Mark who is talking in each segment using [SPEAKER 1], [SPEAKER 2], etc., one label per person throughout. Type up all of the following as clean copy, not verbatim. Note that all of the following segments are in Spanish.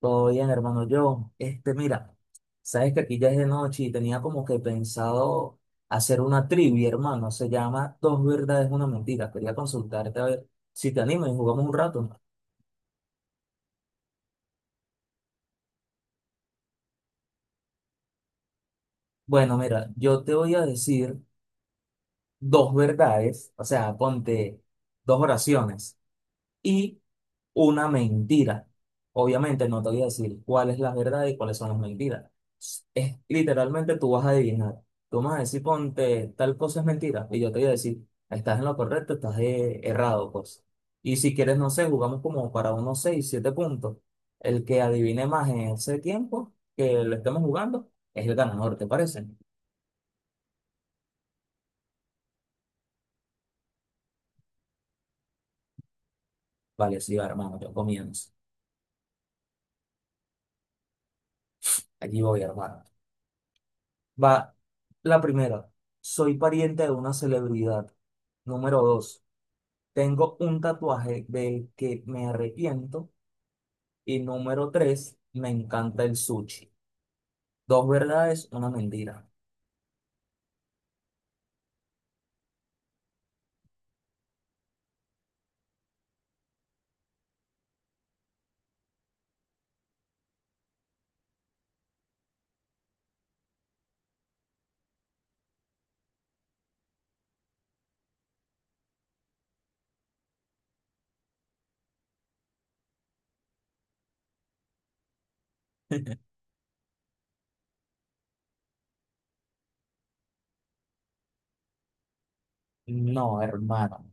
[SPEAKER 1] Todo bien, hermano John. Este, mira, sabes que aquí ya es de noche y tenía como que pensado hacer una trivia, hermano. Se llama Dos verdades, una mentira. Quería consultarte a ver si te animas y jugamos un rato. Bueno, mira, yo te voy a decir dos verdades, o sea, ponte dos oraciones. Y una mentira. Obviamente no te voy a decir cuál es la verdad y cuáles son las mentiras. Es literalmente tú vas a adivinar. Tú me vas a decir, ponte, tal cosa es mentira. Y yo te voy a decir, estás en lo correcto, estás errado, pues. Y si quieres, no sé, jugamos como para unos 6 7 puntos. El que adivine más en ese tiempo que lo estemos jugando es el ganador, ¿te parece? Vale, sí, va, hermano, yo comienzo. Aquí voy, hermano. Va la primera. Soy pariente de una celebridad. Número dos. Tengo un tatuaje del que me arrepiento. Y número tres. Me encanta el sushi. Dos verdades, una mentira. No, hermano.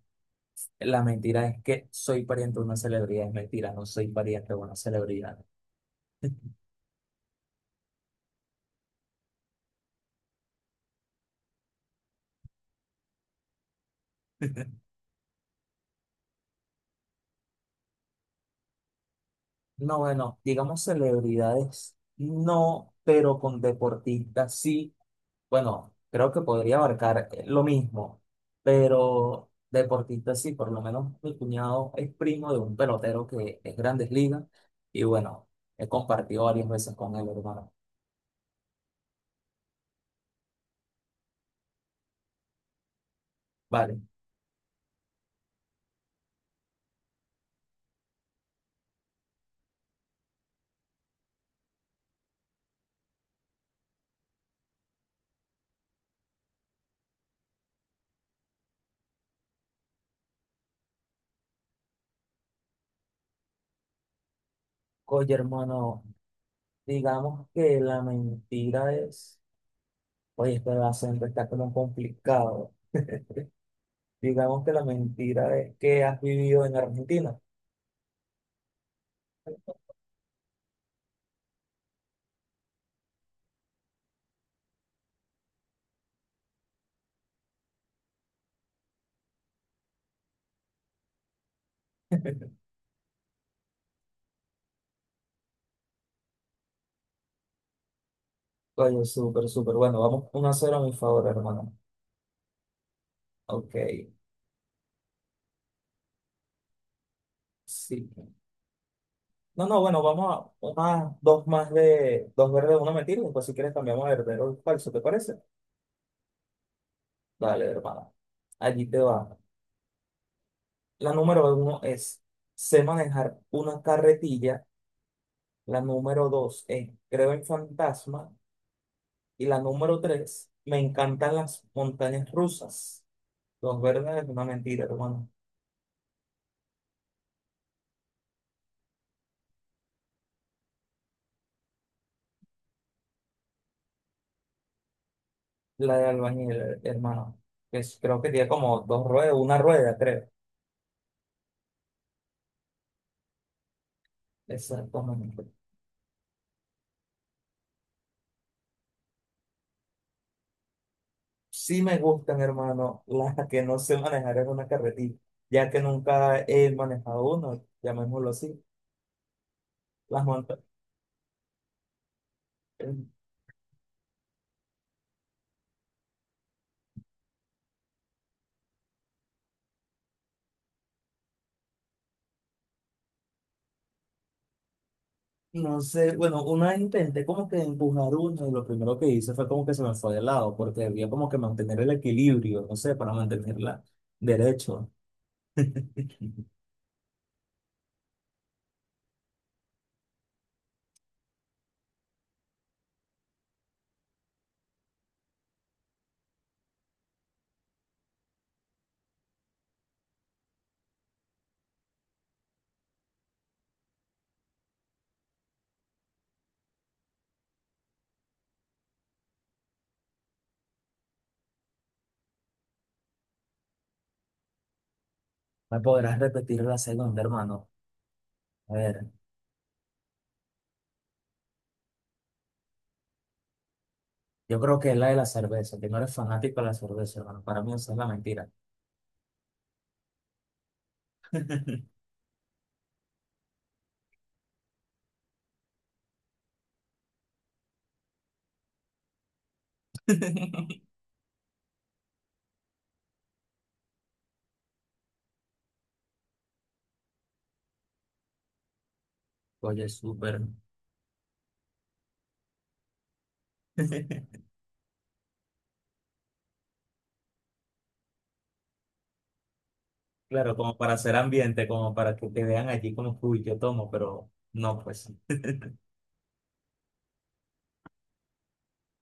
[SPEAKER 1] La mentira es que soy pariente de una celebridad. Es mentira, no soy pariente de una celebridad. No, bueno, digamos celebridades, no, pero con deportistas sí. Bueno, creo que podría abarcar lo mismo, pero deportistas sí, por lo menos mi cuñado es primo de un pelotero que es Grandes Ligas y bueno, he compartido varias veces con él, hermano. Vale. Oye, hermano, digamos que la mentira es, oye, este acento está como complicado. Digamos que la mentira es que has vivido en Argentina. Oye, súper, súper. Bueno, vamos uno a 0 a mi favor, hermano. Ok, sí. No, no, bueno, vamos a una, dos más de dos verdes, una mentira. Después, si quieres, cambiamos de verdadero al falso, ¿te parece? Dale, hermano. Allí te va. La número uno es, sé manejar una carretilla. La número dos es, creo en fantasma. Y la número tres, me encantan las montañas rusas. Dos verdes, una mentira, hermano. La de albañil, hermano, creo que tiene como dos ruedas, una rueda, creo. Exactamente. Sí me gustan, hermano, las que no sé manejar en una carretilla, ya que nunca he manejado uno, llamémoslo así. Las monta eh, no sé, bueno, una vez intenté como que empujar uno y lo primero que hice fue como que se me fue de lado, porque debía como que mantener el equilibrio, no sé, para mantenerla derecho. ¿Me podrás repetir la segunda, hermano? A ver. Yo creo que es la de la cerveza, que no eres fanático de la cerveza, hermano. Para mí esa es la mentira. Oye, súper. Claro, como para hacer ambiente, como para que te vean allí como, uy, yo tomo, pero no, pues sí.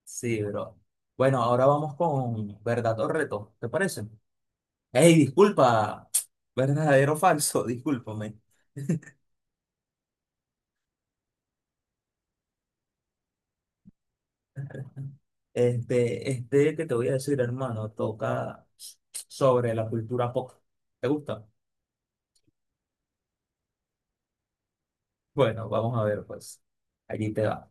[SPEAKER 1] Sí, bro. Bueno, ahora vamos con verdad o reto, ¿te parece? Ey, disculpa, verdadero o falso, discúlpame. Este que te voy a decir, hermano, toca sobre la cultura pop. ¿Te gusta? Bueno, vamos a ver, pues. Allí te va.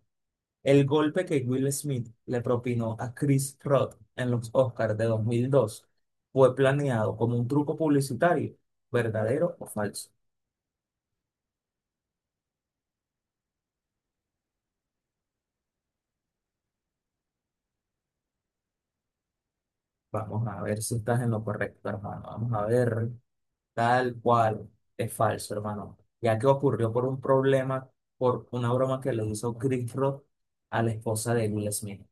[SPEAKER 1] El golpe que Will Smith le propinó a Chris Rock en los Oscars de 2002 fue planeado como un truco publicitario, ¿verdadero o falso? Vamos a ver si estás en lo correcto, hermano. Vamos a ver tal cual es falso, hermano. Ya que ocurrió por un problema, por una broma que le hizo Chris Rock a la esposa de Will Smith.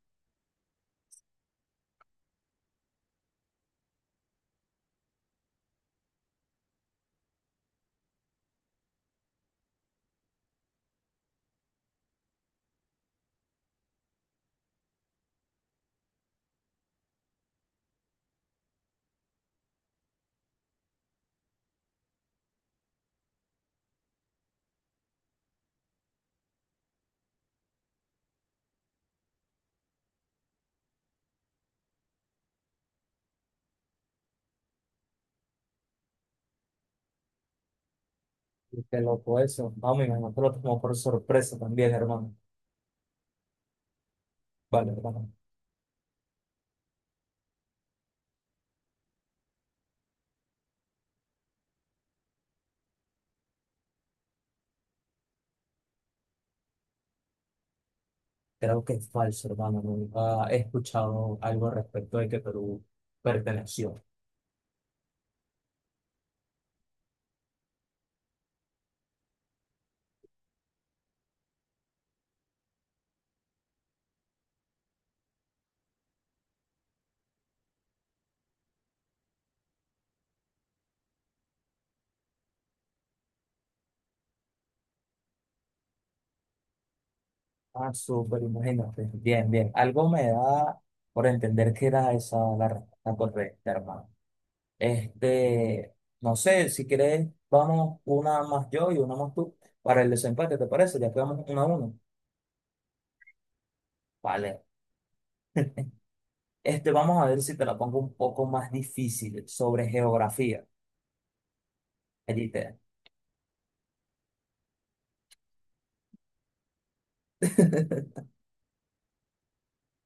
[SPEAKER 1] Y qué loco eso. Vamos, me imagino que lo tomó por sorpresa también, hermano. Vale, hermano. Creo que es falso, hermano. Nunca he escuchado algo respecto de que Perú perteneció. Ah, súper, imagínate. Bien, bien. Algo me da por entender que era esa la respuesta correcta, hermano. Este, no sé, si quieres, vamos una más yo y una más tú para el desempate, ¿te parece? Ya quedamos 1-1. Vale. Este, vamos a ver si te la pongo un poco más difícil sobre geografía. Allí te.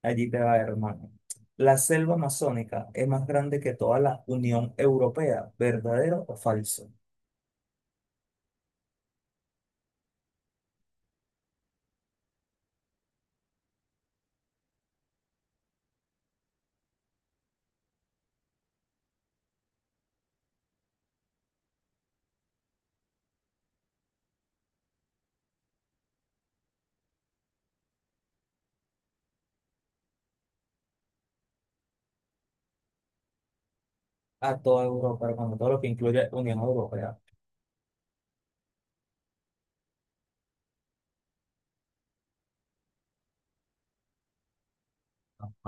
[SPEAKER 1] Allí te va, hermano. La selva amazónica es más grande que toda la Unión Europea, ¿verdadero o falso? A toda Europa, hermano, todo lo que incluye Unión Europea.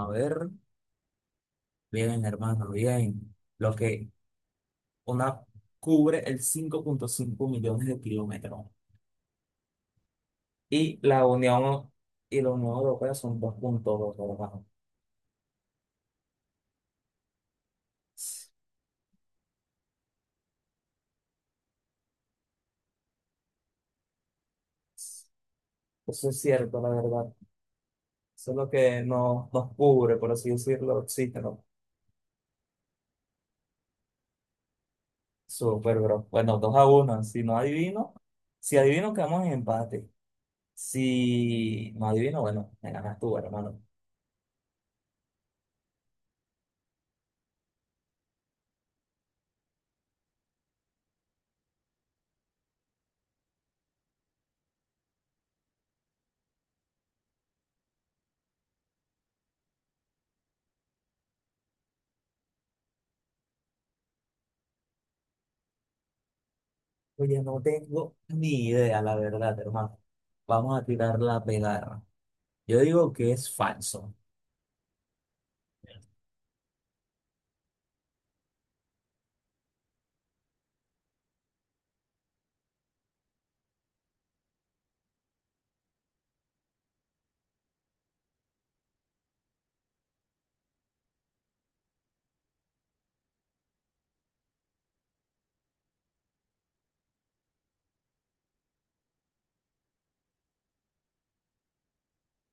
[SPEAKER 1] A ver, bien, hermano, bien. Lo que una cubre el 5,5 millones de kilómetros. Y la Unión y la Unión Europea son 2,2 hermano. Eso es cierto, la verdad. Eso es lo que nos cubre, por así decirlo, existe. Súper, bro. Bueno, 2-1. Si no adivino, si adivino, quedamos en empate. Si no adivino, bueno, me ganas tú, hermano. Oye, no tengo ni idea, la verdad, hermano. Vamos a tirar la pegarra. Yo digo que es falso.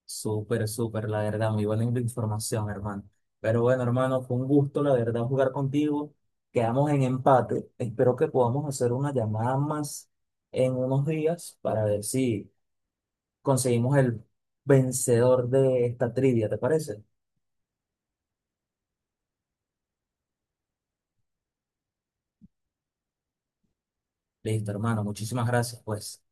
[SPEAKER 1] Súper, súper, la verdad. Muy buena información, hermano. Pero bueno, hermano, fue un gusto, la verdad, jugar contigo. Quedamos en empate. Espero que podamos hacer una llamada más en unos días para ver si conseguimos el vencedor de esta trivia, ¿te parece? Listo, hermano, muchísimas gracias, pues.